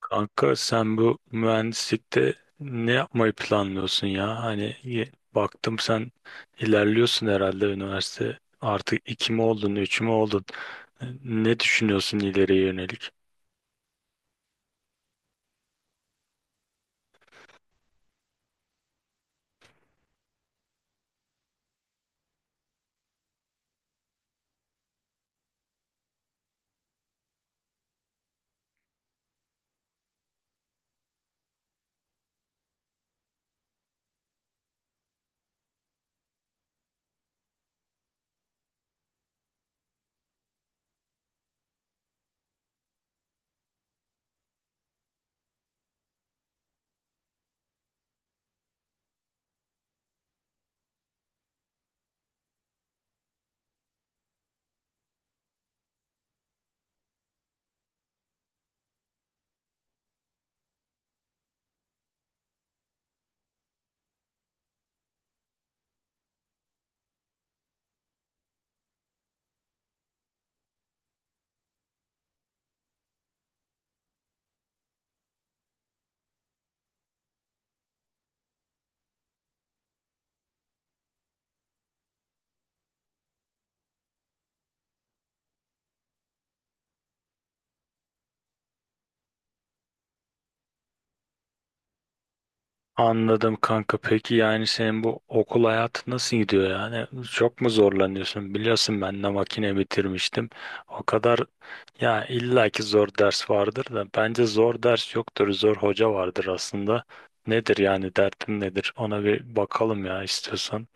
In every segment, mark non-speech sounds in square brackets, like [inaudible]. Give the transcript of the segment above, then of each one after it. Kanka sen bu mühendislikte ne yapmayı planlıyorsun ya? Hani baktım sen ilerliyorsun herhalde üniversite. Artık iki mi oldun, üç mü oldun? Ne düşünüyorsun ileriye yönelik? Anladım kanka. Peki yani senin bu okul hayatı nasıl gidiyor yani? Çok mu zorlanıyorsun? Biliyorsun ben de makine bitirmiştim. O kadar ya illaki zor ders vardır da bence zor ders yoktur. Zor hoca vardır aslında. Nedir yani dertin nedir? Ona bir bakalım ya istiyorsan.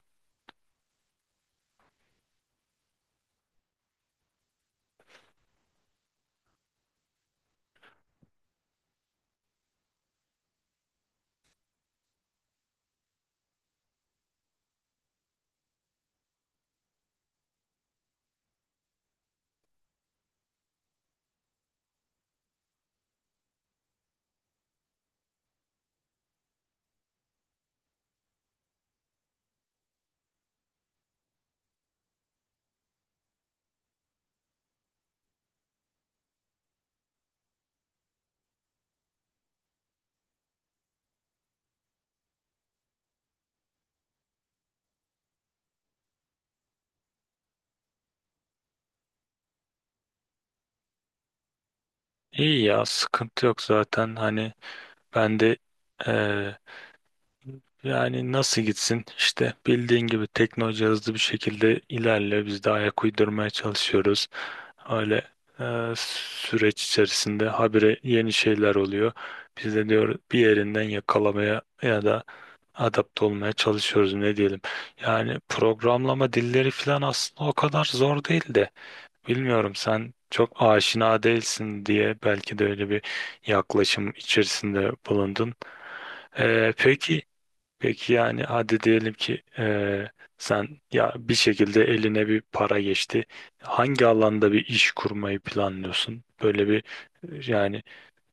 İyi ya sıkıntı yok zaten. Hani ben de eee, yani nasıl gitsin? İşte bildiğin gibi teknoloji hızlı bir şekilde ilerliyor. Biz de ayak uydurmaya çalışıyoruz. Öyle süreç içerisinde habire yeni şeyler oluyor. Biz de diyor bir yerinden yakalamaya ya da adapte olmaya çalışıyoruz ne diyelim. Yani programlama dilleri falan aslında o kadar zor değil de bilmiyorum sen çok aşina değilsin diye belki de öyle bir yaklaşım içerisinde bulundun. E, peki Peki yani hadi diyelim ki sen ya bir şekilde eline bir para geçti. Hangi alanda bir iş kurmayı planlıyorsun? Böyle bir yani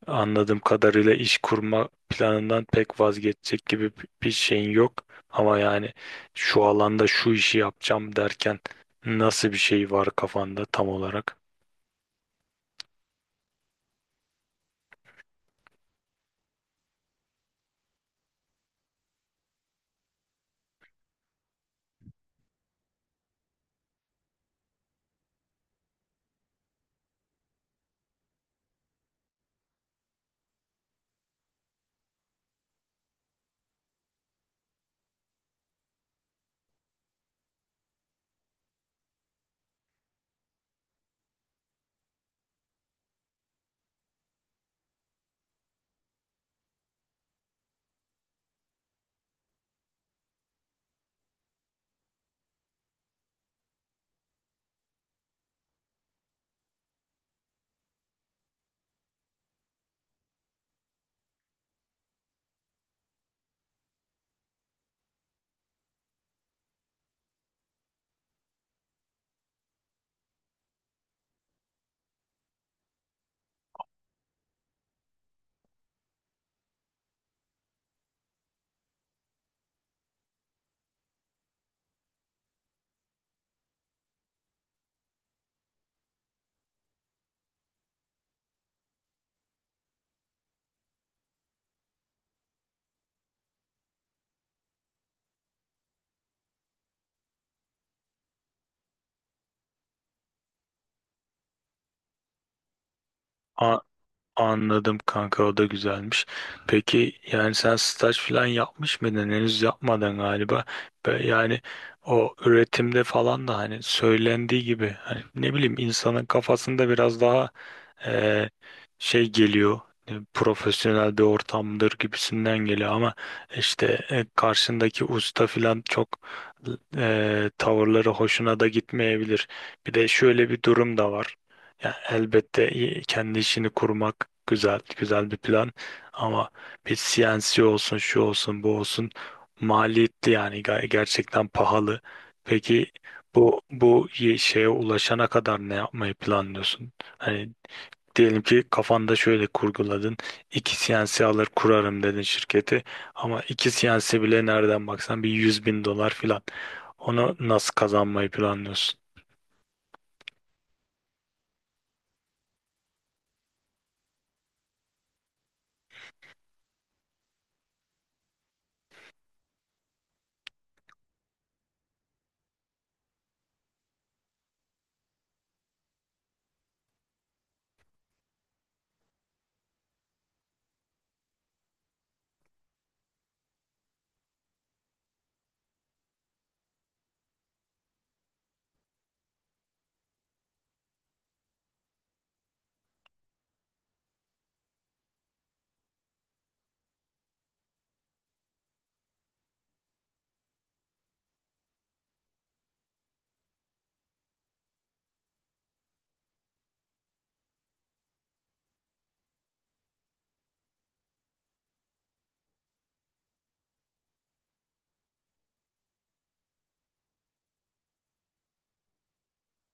anladığım kadarıyla iş kurma planından pek vazgeçecek gibi bir şeyin yok. Ama yani şu alanda şu işi yapacağım derken nasıl bir şey var kafanda tam olarak? Anladım kanka, o da güzelmiş. Peki yani sen staj falan yapmış mıydın? Henüz yapmadan galiba. Yani o üretimde falan da hani söylendiği gibi hani ne bileyim insanın kafasında biraz daha e, şey geliyor, profesyonel bir ortamdır gibisinden geliyor ama işte karşındaki usta filan çok tavırları hoşuna da gitmeyebilir. Bir de şöyle bir durum da var. Ya elbette kendi işini kurmak güzel, güzel bir plan ama bir CNC olsun, şu olsun, bu olsun maliyetli yani, gerçekten pahalı. Peki bu şeye ulaşana kadar ne yapmayı planlıyorsun? Hani diyelim ki kafanda şöyle kurguladın. İki CNC alır kurarım dedin şirketi. Ama iki CNC bile nereden baksan bir 100.000 dolar filan. Onu nasıl kazanmayı planlıyorsun?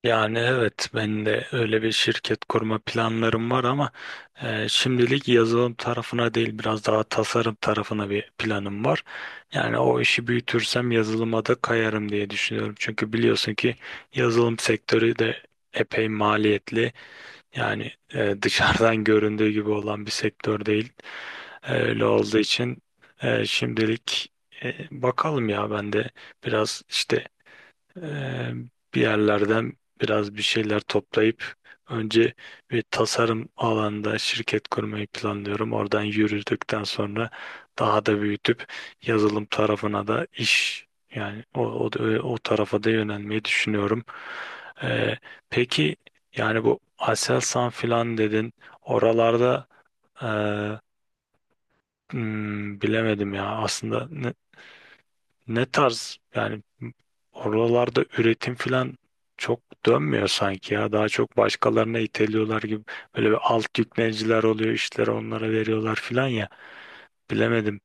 Yani evet, ben de öyle bir şirket kurma planlarım var ama şimdilik yazılım tarafına değil biraz daha tasarım tarafına bir planım var. Yani o işi büyütürsem yazılıma da kayarım diye düşünüyorum. Çünkü biliyorsun ki yazılım sektörü de epey maliyetli. Yani dışarıdan [laughs] göründüğü gibi olan bir sektör değil. Öyle olduğu için şimdilik bakalım ya, ben de biraz işte Eee, bir yerlerden biraz bir şeyler toplayıp önce bir tasarım alanında şirket kurmayı planlıyorum. Oradan yürüdükten sonra daha da büyütüp yazılım tarafına da iş, yani o tarafa da yönelmeyi düşünüyorum. Eee, peki yani bu Aselsan filan dedin oralarda eee, bilemedim ya aslında ne tarz, yani oralarda üretim falan çok dönmüyor sanki ya. Daha çok başkalarına iteliyorlar gibi. Böyle bir alt yükleniciler oluyor, işleri onlara veriyorlar falan ya. Bilemedim.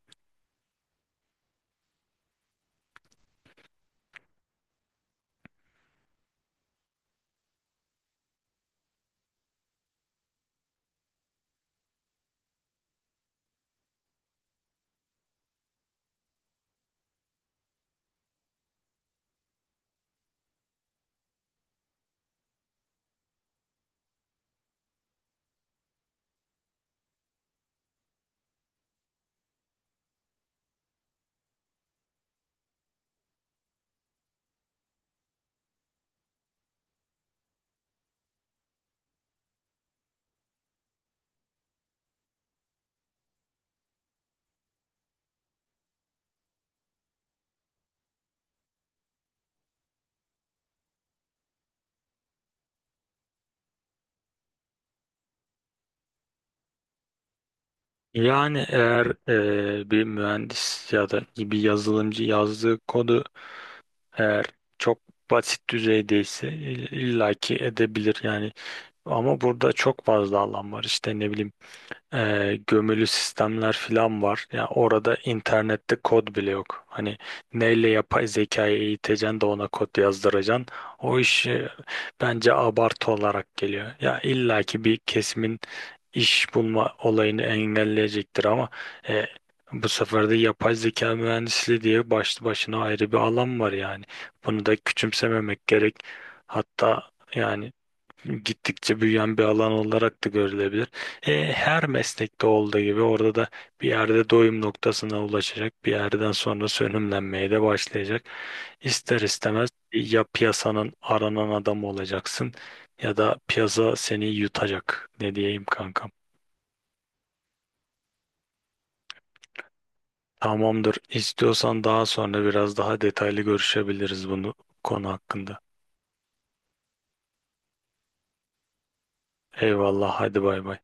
Yani eğer bir mühendis ya da bir yazılımcı yazdığı kodu eğer çok basit düzeydeyse illaki edebilir yani. Ama burada çok fazla alan var, işte ne bileyim gömülü sistemler falan var. Ya orada internette kod bile yok. Hani neyle yapay zekayı eğiteceksin de ona kod yazdıracaksın. O iş, bence abartı olarak geliyor. Ya illaki bir kesimin iş bulma olayını engelleyecektir ama e, bu sefer de yapay zeka mühendisliği diye başlı başına ayrı bir alan var yani. Bunu da küçümsememek gerek. Hatta yani gittikçe büyüyen bir alan olarak da görülebilir. Her meslekte olduğu gibi orada da bir yerde doyum noktasına ulaşacak, bir yerden sonra sönümlenmeye de başlayacak. İster istemez ya piyasanın aranan adamı olacaksın ya da piyasa seni yutacak. Ne diyeyim kankam? Tamamdır. İstiyorsan daha sonra biraz daha detaylı görüşebiliriz bunu, konu hakkında. Eyvallah, hadi bay bay.